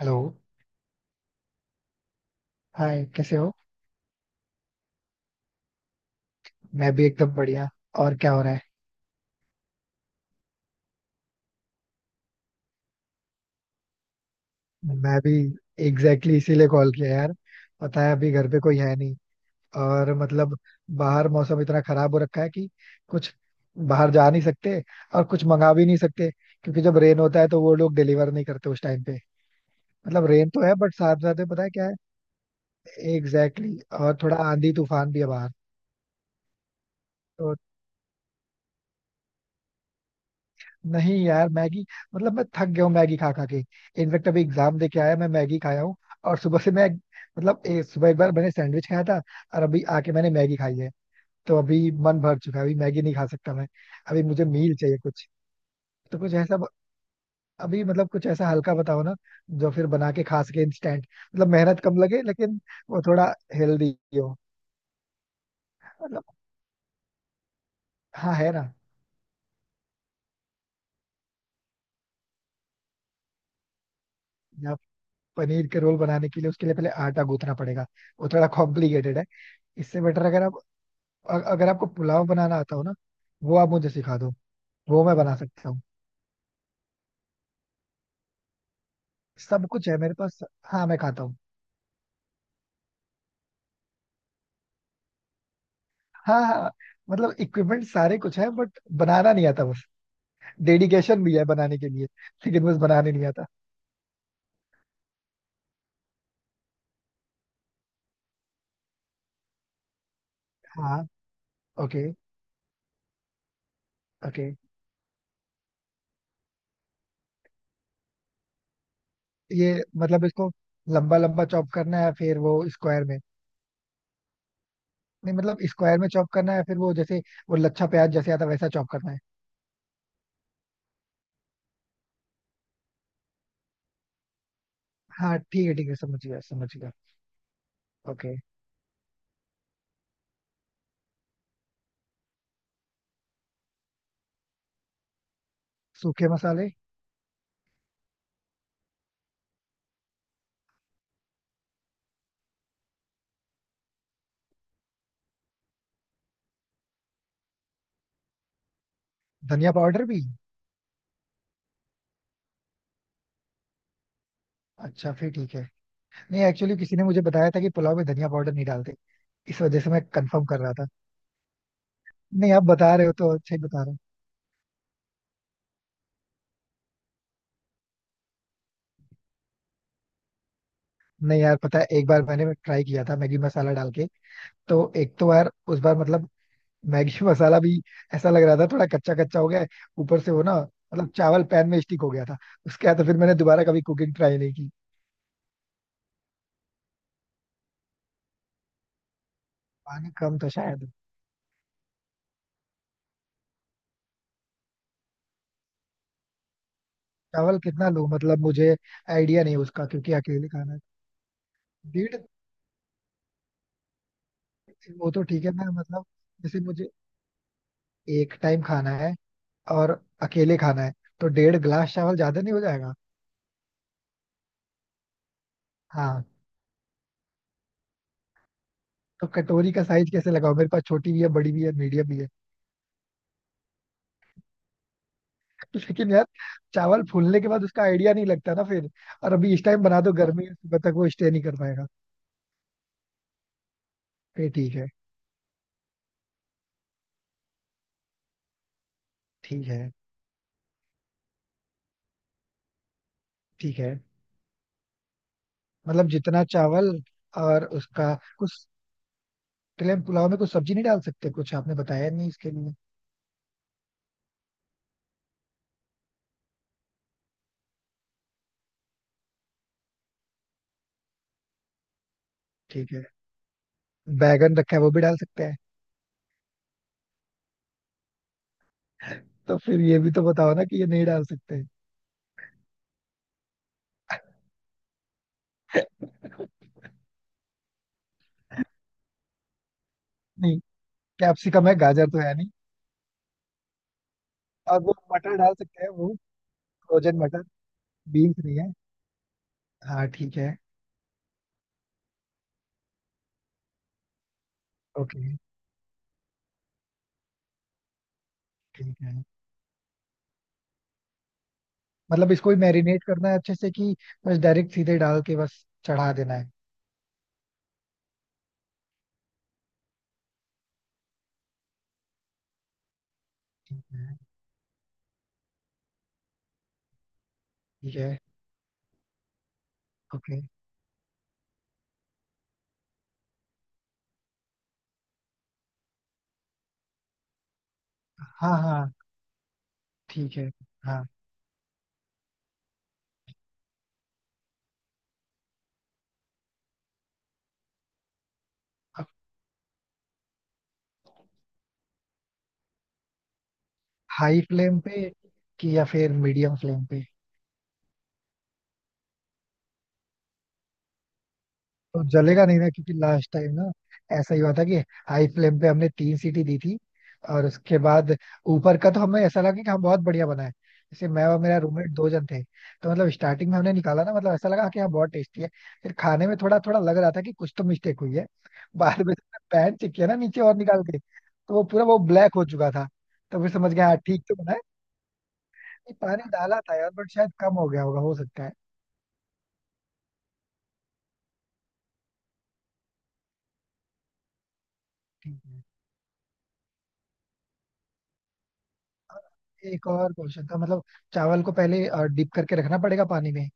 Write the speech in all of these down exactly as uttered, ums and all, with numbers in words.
Hello. Hi, कैसे हो? मैं भी एकदम बढ़िया। और क्या हो रहा है? मैं भी एग्जैक्टली exactly इसीलिए कॉल किया यार। पता है अभी घर पे कोई है नहीं। और मतलब बाहर मौसम इतना खराब हो रखा है कि कुछ बाहर जा नहीं सकते, और कुछ मंगा भी नहीं सकते क्योंकि जब रेन होता है तो वो लोग डिलीवर नहीं करते उस टाइम पे। मतलब रेन तो है बट साथ साथ में पता है क्या है। एग्जैक्टली exactly, और थोड़ा आंधी तूफान भी है बाहर। तो नहीं यार, मैगी मतलब मैं थक गया हूँ मैगी खा खा के। इनफेक्ट अभी एग्जाम दे के आया, मैं मैगी खाया हूँ। और सुबह से मैं मतलब ए, सुबह एक बार मैंने सैंडविच खाया था। और अभी आके मैंने मैगी खाई है। तो अभी मन भर चुका है, अभी मैगी नहीं खा सकता मैं। अभी मुझे मील चाहिए कुछ। तो कुछ ऐसा ब- अभी मतलब कुछ ऐसा हल्का बताओ ना, जो फिर बना के खा सके इंस्टेंट। मतलब मेहनत कम लगे, लेकिन वो थोड़ा हेल्दी हो। मतलब हाँ है ना। या पनीर के रोल बनाने के लिए उसके लिए पहले आटा गूंथना पड़ेगा, वो थोड़ा कॉम्प्लिकेटेड है। इससे बेटर अगर आप अ- अगर आपको पुलाव बनाना आता हो ना, वो आप मुझे सिखा दो, वो मैं बना सकता हूँ। सब कुछ है मेरे पास। हाँ, मैं खाता हूँ। हाँ हाँ। मतलब इक्विपमेंट सारे कुछ है बट बनाना नहीं आता बस। डेडिकेशन भी है बनाने के लिए, लेकिन बस बनाने नहीं आता। हाँ। ओके। ओके। ये मतलब इसको लंबा लंबा चॉप करना है, फिर वो स्क्वायर में? नहीं, मतलब स्क्वायर में चॉप करना है फिर वो जैसे, वो लच्छा प्याज जैसे आता है वैसा चॉप करना है। हाँ ठीक है, ठीक है, समझ गया, समझ गया। ओके। सूखे मसाले। धनिया पाउडर भी? अच्छा फिर ठीक है। नहीं, एक्चुअली किसी ने मुझे बताया था कि पुलाव में धनिया पाउडर नहीं डालते, इस वजह से मैं कंफर्म कर रहा था। नहीं, आप बता रहे हो तो अच्छा ही बता रहे हो। नहीं यार, पता है, एक बार मैंने ट्राई किया था मैगी मसाला डाल के, तो एक तो यार उस बार मतलब मैगी मसाला भी ऐसा लग रहा था, थोड़ा कच्चा कच्चा हो गया है। ऊपर से वो ना, मतलब चावल पैन में स्टिक हो गया था। उसके बाद तो फिर मैंने दोबारा कभी कुकिंग ट्राई नहीं की। पानी कम था शायद। चावल कितना लूं? मतलब मुझे आइडिया नहीं उसका क्योंकि अकेले खाना है। डेढ़। वो तो ठीक है, मैं मतलब जैसे मुझे एक टाइम खाना है और अकेले खाना है, तो डेढ़ ग्लास चावल ज्यादा नहीं हो जाएगा? हाँ, तो कटोरी का साइज कैसे लगाओ? मेरे पास छोटी भी है, बड़ी भी है, मीडियम भी है। लेकिन यार, चावल फूलने के बाद उसका आइडिया नहीं लगता ना फिर। और अभी इस टाइम बना दो, गर्मी है, सुबह तक वो स्टे नहीं कर पाएगा। फिर ठीक है। ठीक है। ठीक है। मतलब जितना चावल, और उसका कुछ, तिलम पुलाव में कुछ सब्जी नहीं डाल सकते कुछ? आपने बताया नहीं इसके लिए। ठीक है। बैगन रखा है, वो भी डाल सकते हैं? तो फिर ये भी तो बताओ ना कि ये नहीं डाल सकते। नहीं, कैप्सिकम है, गाजर तो है। अब वो मटर डाल सकते हैं वो, फ्रोजन मटर? बीन्स नहीं है। हाँ ठीक है। ओके। ठीक है। मतलब इसको ही मैरिनेट करना है अच्छे से, कि बस डायरेक्ट सीधे डाल के बस चढ़ा देना है? ठीक है। ओके। हाँ हाँ। ठीक है। हाँ। अब हाई फ्लेम पे कि या फिर मीडियम फ्लेम पे? तो जलेगा नहीं ना, क्योंकि लास्ट टाइम ना ऐसा ही हुआ था कि हाई फ्लेम पे हमने तीन सीटी दी थी, और उसके बाद ऊपर का तो हमें ऐसा लगा कि हम बहुत बढ़िया बनाए। जैसे मैं और मेरा रूममेट दो जन थे, तो मतलब स्टार्टिंग में हमने निकाला ना, मतलब ऐसा लगा कि हाँ बहुत टेस्टी है। फिर खाने में थोड़ा थोड़ा लग रहा था कि कुछ तो मिस्टेक हुई है। बाद में पैन चेक किया ना नीचे और निकाल के, तो वो पूरा वो ब्लैक हो चुका था। तो फिर समझ गया, हाँ ठीक तो बना है। नहीं, पानी डाला था यार बट शायद कम हो गया होगा, हो सकता है। ठीक है। एक और क्वेश्चन था, मतलब चावल को पहले डिप करके रखना पड़ेगा पानी में?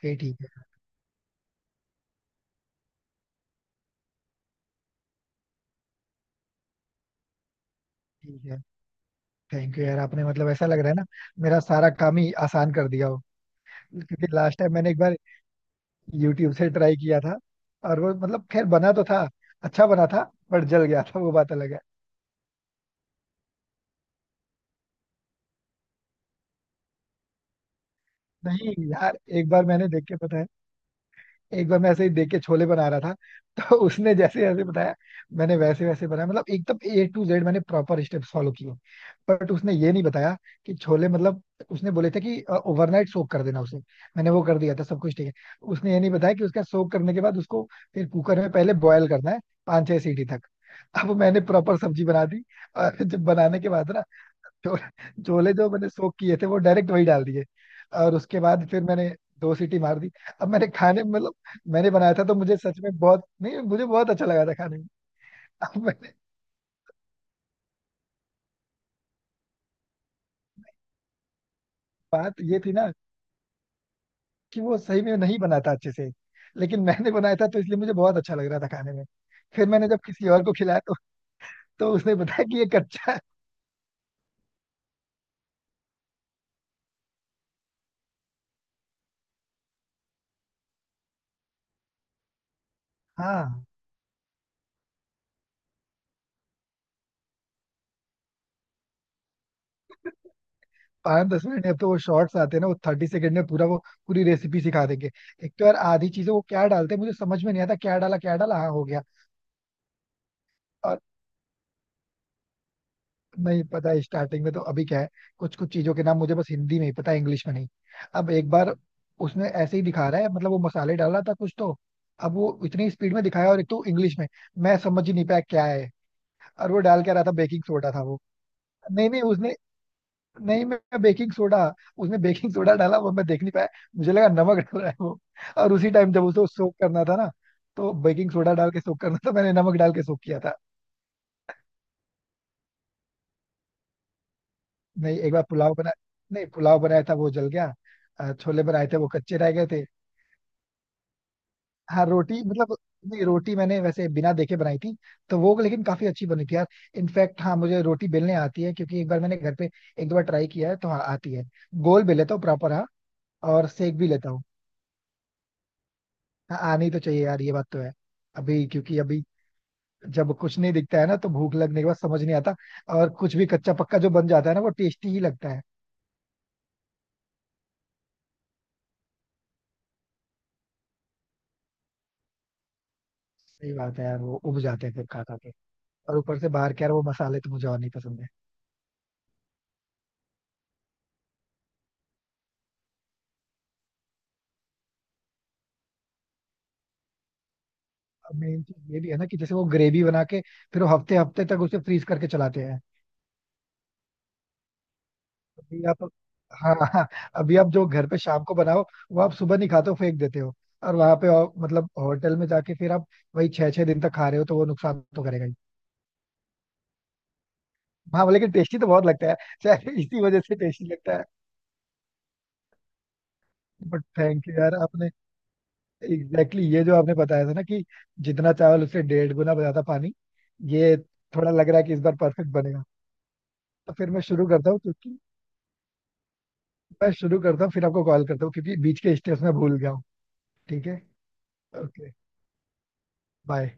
फिर ठीक है। ठीक है। थैंक यू यार, आपने मतलब ऐसा लग रहा है ना, मेरा सारा काम ही आसान कर दिया हो। क्योंकि लास्ट टाइम मैंने एक बार यूट्यूब से ट्राई किया था, और वो मतलब खैर बना तो था, अच्छा बना था, बट जल गया था, वो बात अलग है। नहीं यार, एक बार मैंने देख के, पता है, एक बार मैं ऐसे ही देख के छोले बना रहा था, तो उसने जैसे जैसे बताया, मैंने वैसे वैसे बनाया, मतलब एकदम ए टू जेड मैंने प्रॉपर स्टेप्स फॉलो किए। बट उसने ये नहीं बताया कि छोले मतलब, उसने बोले थे कि ओवरनाइट सोक कर देना उसे, मैंने वो कर दिया था, सब कुछ ठीक है। उसने ये नहीं बताया कि उसका सोक करने के बाद उसको फिर कुकर में पहले बॉयल करना है, पाँच छह सीटी तक। अब मैंने प्रॉपर सब्जी बना दी, और जब बनाने के बाद ना, छो- छोले जो मैंने सोक किए थे वो डायरेक्ट वही डाल दिए, और उसके बाद फिर मैंने दो सीटी मार दी। अब मैंने खाने में मतलब, मैंने बनाया था तो मुझे सच में बहुत, नहीं मुझे बहुत अच्छा लगा था खाने में। अब मैंने, बात ये थी ना कि वो सही में नहीं बनाता अच्छे से, लेकिन मैंने बनाया था तो इसलिए मुझे बहुत अच्छा लग रहा था खाने में। फिर मैंने जब किसी और को खिलाया, तो, तो उसने बताया कि ये कच्चा है। हाँ। पाँच दस मिनट में अब तो वो शॉर्ट्स आते हैं ना, वो थर्टी सेकंड में पूरा वो, पूरी रेसिपी सिखा देंगे। एक तो यार आधी चीजें वो क्या डालते हैं मुझे समझ में नहीं आता, क्या डाला क्या डाला, हाँ हो गया। नहीं, पता है स्टार्टिंग में तो, अभी क्या है, कुछ कुछ चीजों के नाम मुझे बस हिंदी में ही पता है, इंग्लिश में नहीं। अब एक बार उसमें ऐसे ही दिखा रहा है, मतलब वो मसाले डाल रहा था कुछ तो, अब वो इतनी स्पीड में दिखाया और एक तो इंग्लिश में, मैं समझ ही नहीं पाया क्या है। और वो डाल के रहा था, बेकिंग सोडा था वो। नहीं नहीं, उसने, नहीं, मैं बेकिंग सोडा, उसने बेकिंग सोडा डाला वो मैं देख नहीं पाया, मुझे लगा नमक डाल रहा है वो। और उसी टाइम जब उसे सोक करना था ना, तो बेकिंग सोडा डाल के सोक करना था, मैंने नमक डाल के सोक किया था। नहीं, एक बार पुलाव बना, नहीं पुलाव बनाया था वो जल गया। अ, छोले बनाए थे, वो कच्चे रह गए थे। हाँ रोटी मतलब, नहीं रोटी मैंने वैसे बिना देखे बनाई थी, तो वो लेकिन काफी अच्छी बनी थी यार। इनफैक्ट हाँ, मुझे रोटी बेलने आती है, क्योंकि एक बार मैंने घर पे एक दो बार ट्राई किया है, तो हाँ आती है, गोल बेल लेता हूँ प्रॉपर, हाँ। और सेक भी लेता हूँ। हाँ आनी तो चाहिए यार, ये बात तो है। अभी क्योंकि अभी जब कुछ नहीं दिखता है ना, तो भूख लगने के बाद समझ नहीं आता, और कुछ भी कच्चा पक्का जो बन जाता है ना वो टेस्टी ही लगता है। सही बात है यार, वो उब जाते हैं फिर खा खा के। और ऊपर से बाहर के यार वो मसाले तो मुझे और नहीं पसंद है। अब मेन चीज ये भी है ना, कि जैसे वो ग्रेवी बना के फिर वो हफ्ते हफ्ते तक उसे फ्रीज करके चलाते हैं। अभी आप, हाँ हाँ, अभी आप जो घर पे शाम को बनाओ, वो आप सुबह नहीं खाते हो, फेंक देते हो। और वहां पे और, मतलब होटल में जाके फिर आप वही छह छह दिन तक खा रहे हो, तो वो नुकसान तो करेगा ही। हाँ, लेकिन टेस्टी तो बहुत लगता है। चाहे इसी वजह से टेस्टी लगता है। बट थैंक यू यार, आपने एग्जैक्टली exactly ये जो आपने बताया था ना, कि जितना चावल उससे डेढ़ गुना ज्यादा पानी, ये, थोड़ा लग रहा है कि इस बार परफेक्ट बनेगा। तो फिर मैं शुरू करता हूँ, क्योंकि मैं शुरू करता हूँ फिर आपको कॉल करता हूँ क्योंकि बीच के स्टेप्स में भूल गया हूँ। ठीक है। ओके। बाय।